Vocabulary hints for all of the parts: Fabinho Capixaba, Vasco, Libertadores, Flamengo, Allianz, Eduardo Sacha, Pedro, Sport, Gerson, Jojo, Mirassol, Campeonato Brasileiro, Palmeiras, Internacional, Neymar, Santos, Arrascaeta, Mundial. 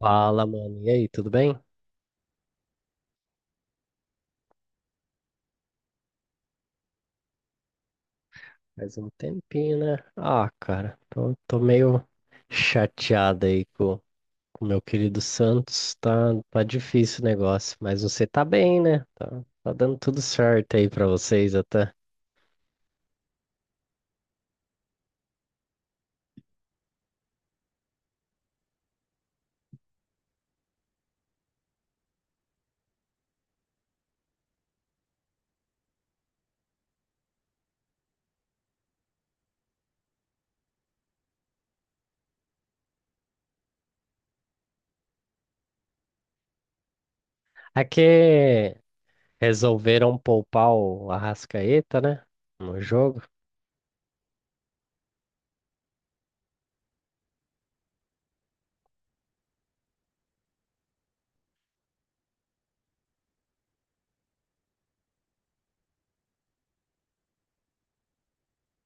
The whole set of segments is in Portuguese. Fala, mano. E aí, tudo bem? Faz um tempinho, né? Ah, cara, tô meio chateado aí com o meu querido Santos. Tá, tá difícil o negócio, mas você tá bem, né? Tá dando tudo certo aí pra vocês até. É que resolveram poupar o Arrascaeta, né? No jogo.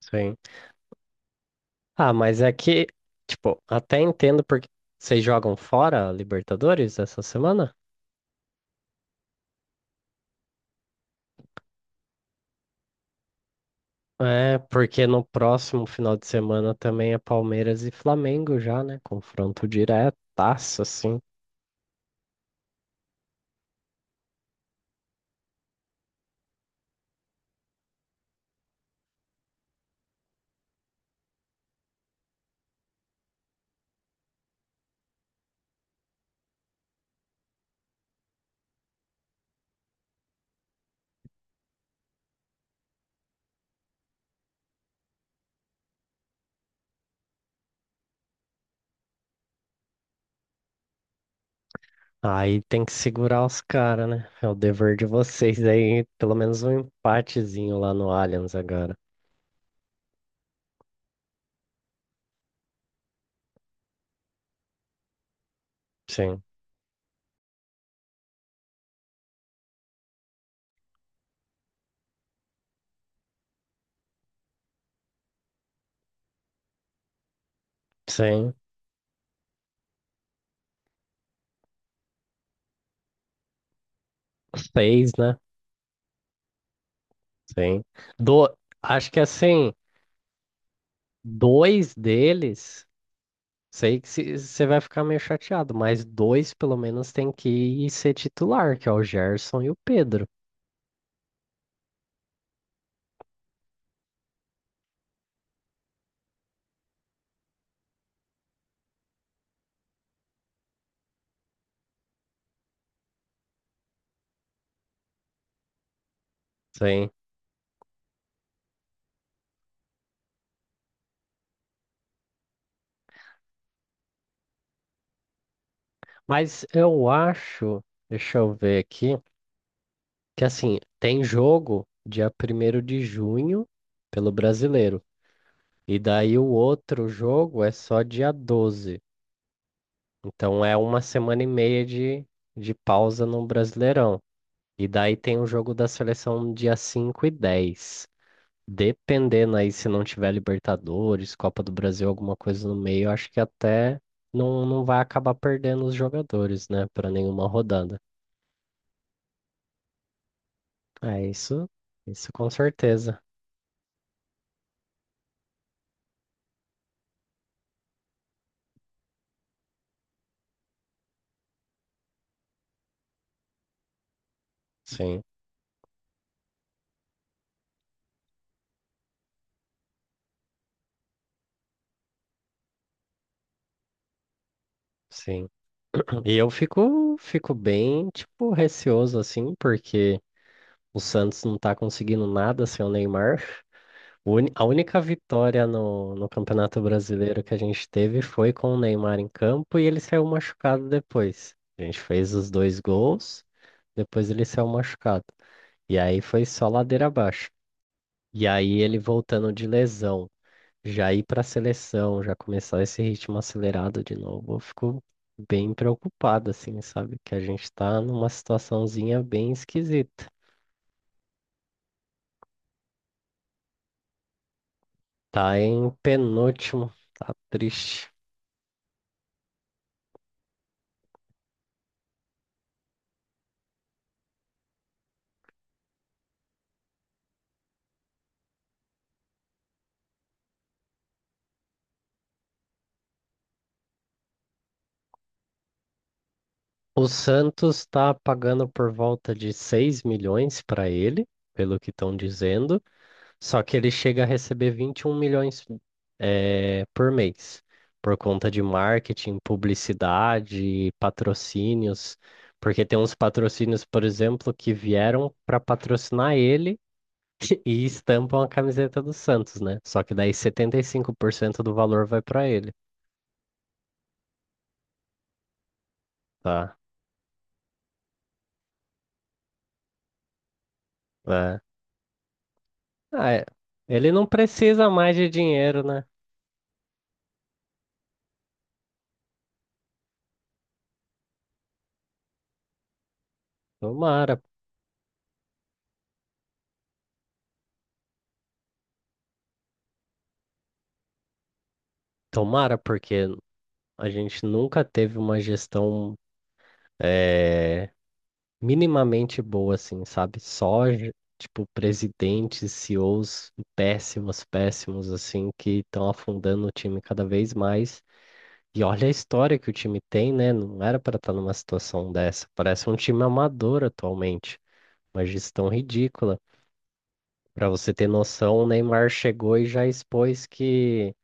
Sim. Ah, mas é que, tipo, até entendo porque vocês jogam fora a Libertadores essa semana? É, porque no próximo final de semana também é Palmeiras e Flamengo já, né? Confronto diretaço, assim. Aí tem que segurar os caras, né? É o dever de vocês aí, pelo menos um empatezinho lá no Allianz agora. Sim, sim. Seis, né? Sim. Do... Acho que assim, dois deles, sei que você vai ficar meio chateado, mas dois pelo menos tem que ir ser titular, que é o Gerson e o Pedro. Sim. Mas eu acho, deixa eu ver aqui, que assim, tem jogo dia 1º de junho pelo Brasileiro. E daí o outro jogo é só dia 12. Então é uma semana e meia de pausa no Brasileirão. E daí tem o jogo da seleção dia 5 e 10. Dependendo aí se não tiver Libertadores, Copa do Brasil, alguma coisa no meio, eu acho que até não vai acabar perdendo os jogadores, né, para nenhuma rodada. É isso, isso com certeza. Sim, sim. E eu fico bem, tipo, receoso assim, porque o Santos não tá conseguindo nada sem o Neymar. A única vitória no Campeonato Brasileiro que a gente teve foi com o Neymar em campo e ele saiu machucado depois. A gente fez os dois gols, depois ele saiu machucado. E aí foi só ladeira abaixo. E aí ele voltando de lesão. Já ir para a seleção, já começar esse ritmo acelerado de novo, eu fico bem preocupado, assim, sabe? Que a gente tá numa situaçãozinha bem esquisita. Tá em penúltimo, tá triste. O Santos tá pagando por volta de 6 milhões para ele, pelo que estão dizendo. Só que ele chega a receber 21 milhões por mês, por conta de marketing, publicidade, patrocínios, porque tem uns patrocínios, por exemplo, que vieram para patrocinar ele e estampam a camiseta do Santos, né? Só que daí 75% do valor vai para ele, tá? É. Ah, é. Ele não precisa mais de dinheiro, né? Tomara, tomara, porque a gente nunca teve uma gestão eh, minimamente boa, assim, sabe? Tipo, presidentes, CEOs péssimos, péssimos, assim, que estão afundando o time cada vez mais. E olha a história que o time tem, né? Não era para estar numa situação dessa. Parece um time amador atualmente. Uma gestão ridícula. Para você ter noção, o Neymar chegou e já expôs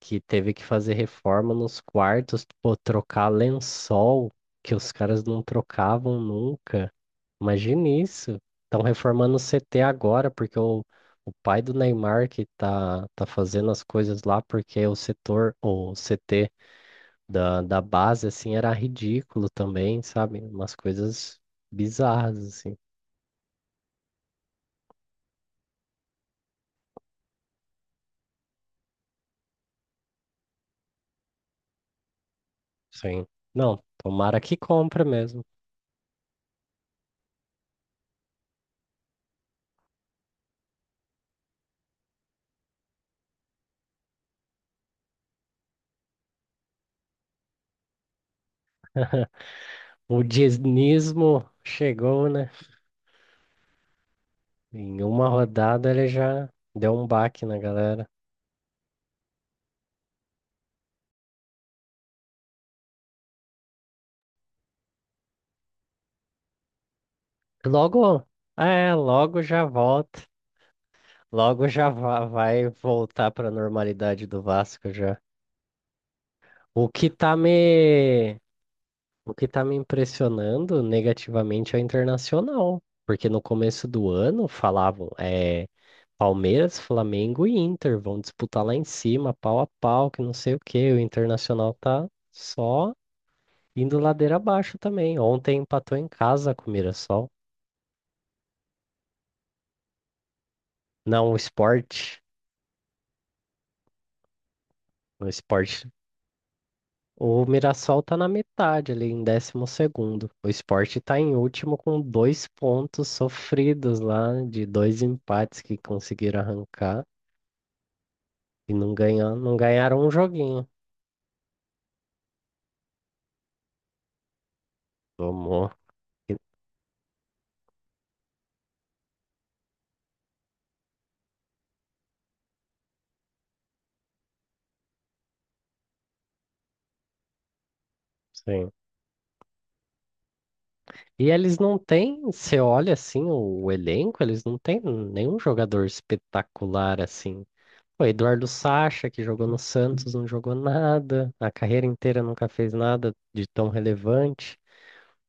que teve que fazer reforma nos quartos, pô, trocar lençol, que os caras não trocavam nunca. Imagine isso. Estão reformando o CT agora, porque o pai do Neymar que tá fazendo as coisas lá, porque o setor, o CT da base, assim, era ridículo também, sabe? Umas coisas bizarras, assim. Sim. Não, tomara que compra mesmo. O dinismo chegou, né? Em uma rodada ele já deu um baque na galera. Logo, é, logo já volta. Logo já vai voltar para a normalidade do Vasco já. O que tá me, o que tá me impressionando negativamente é o Internacional, porque no começo do ano falavam, é, Palmeiras, Flamengo e Inter vão disputar lá em cima, pau a pau, que não sei o quê. O Internacional tá só indo ladeira abaixo também. Ontem empatou em casa com o Mirassol. Não, o Sport. O Sport O Mirassol tá na metade ali, em décimo segundo. O Sport tá em último com 2 pontos sofridos lá, de dois empates que conseguiram arrancar e não ganhar, não ganharam um joguinho. Tomou. E- Sim. E eles não têm, você olha assim o elenco, eles não têm nenhum jogador espetacular assim. O Eduardo Sacha, que jogou no Santos, não jogou nada, a carreira inteira nunca fez nada de tão relevante.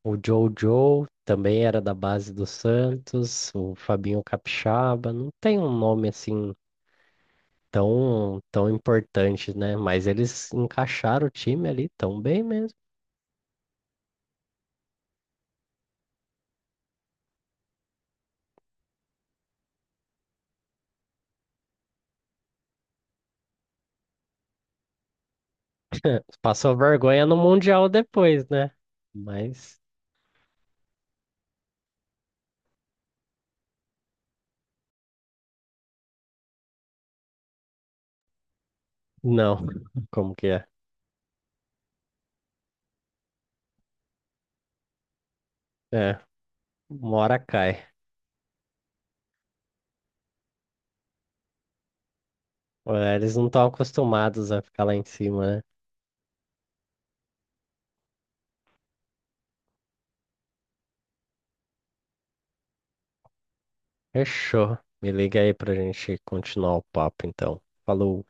O Jojo também era da base do Santos, o Fabinho Capixaba, não tem um nome assim tão importante, né? Mas eles encaixaram o time ali tão bem mesmo. Passou vergonha no Mundial depois, né? Mas não, como que é? É, uma hora cai. É, eles não estão acostumados a ficar lá em cima, né? Fechou. Me liga aí pra gente continuar o papo, então. Falou.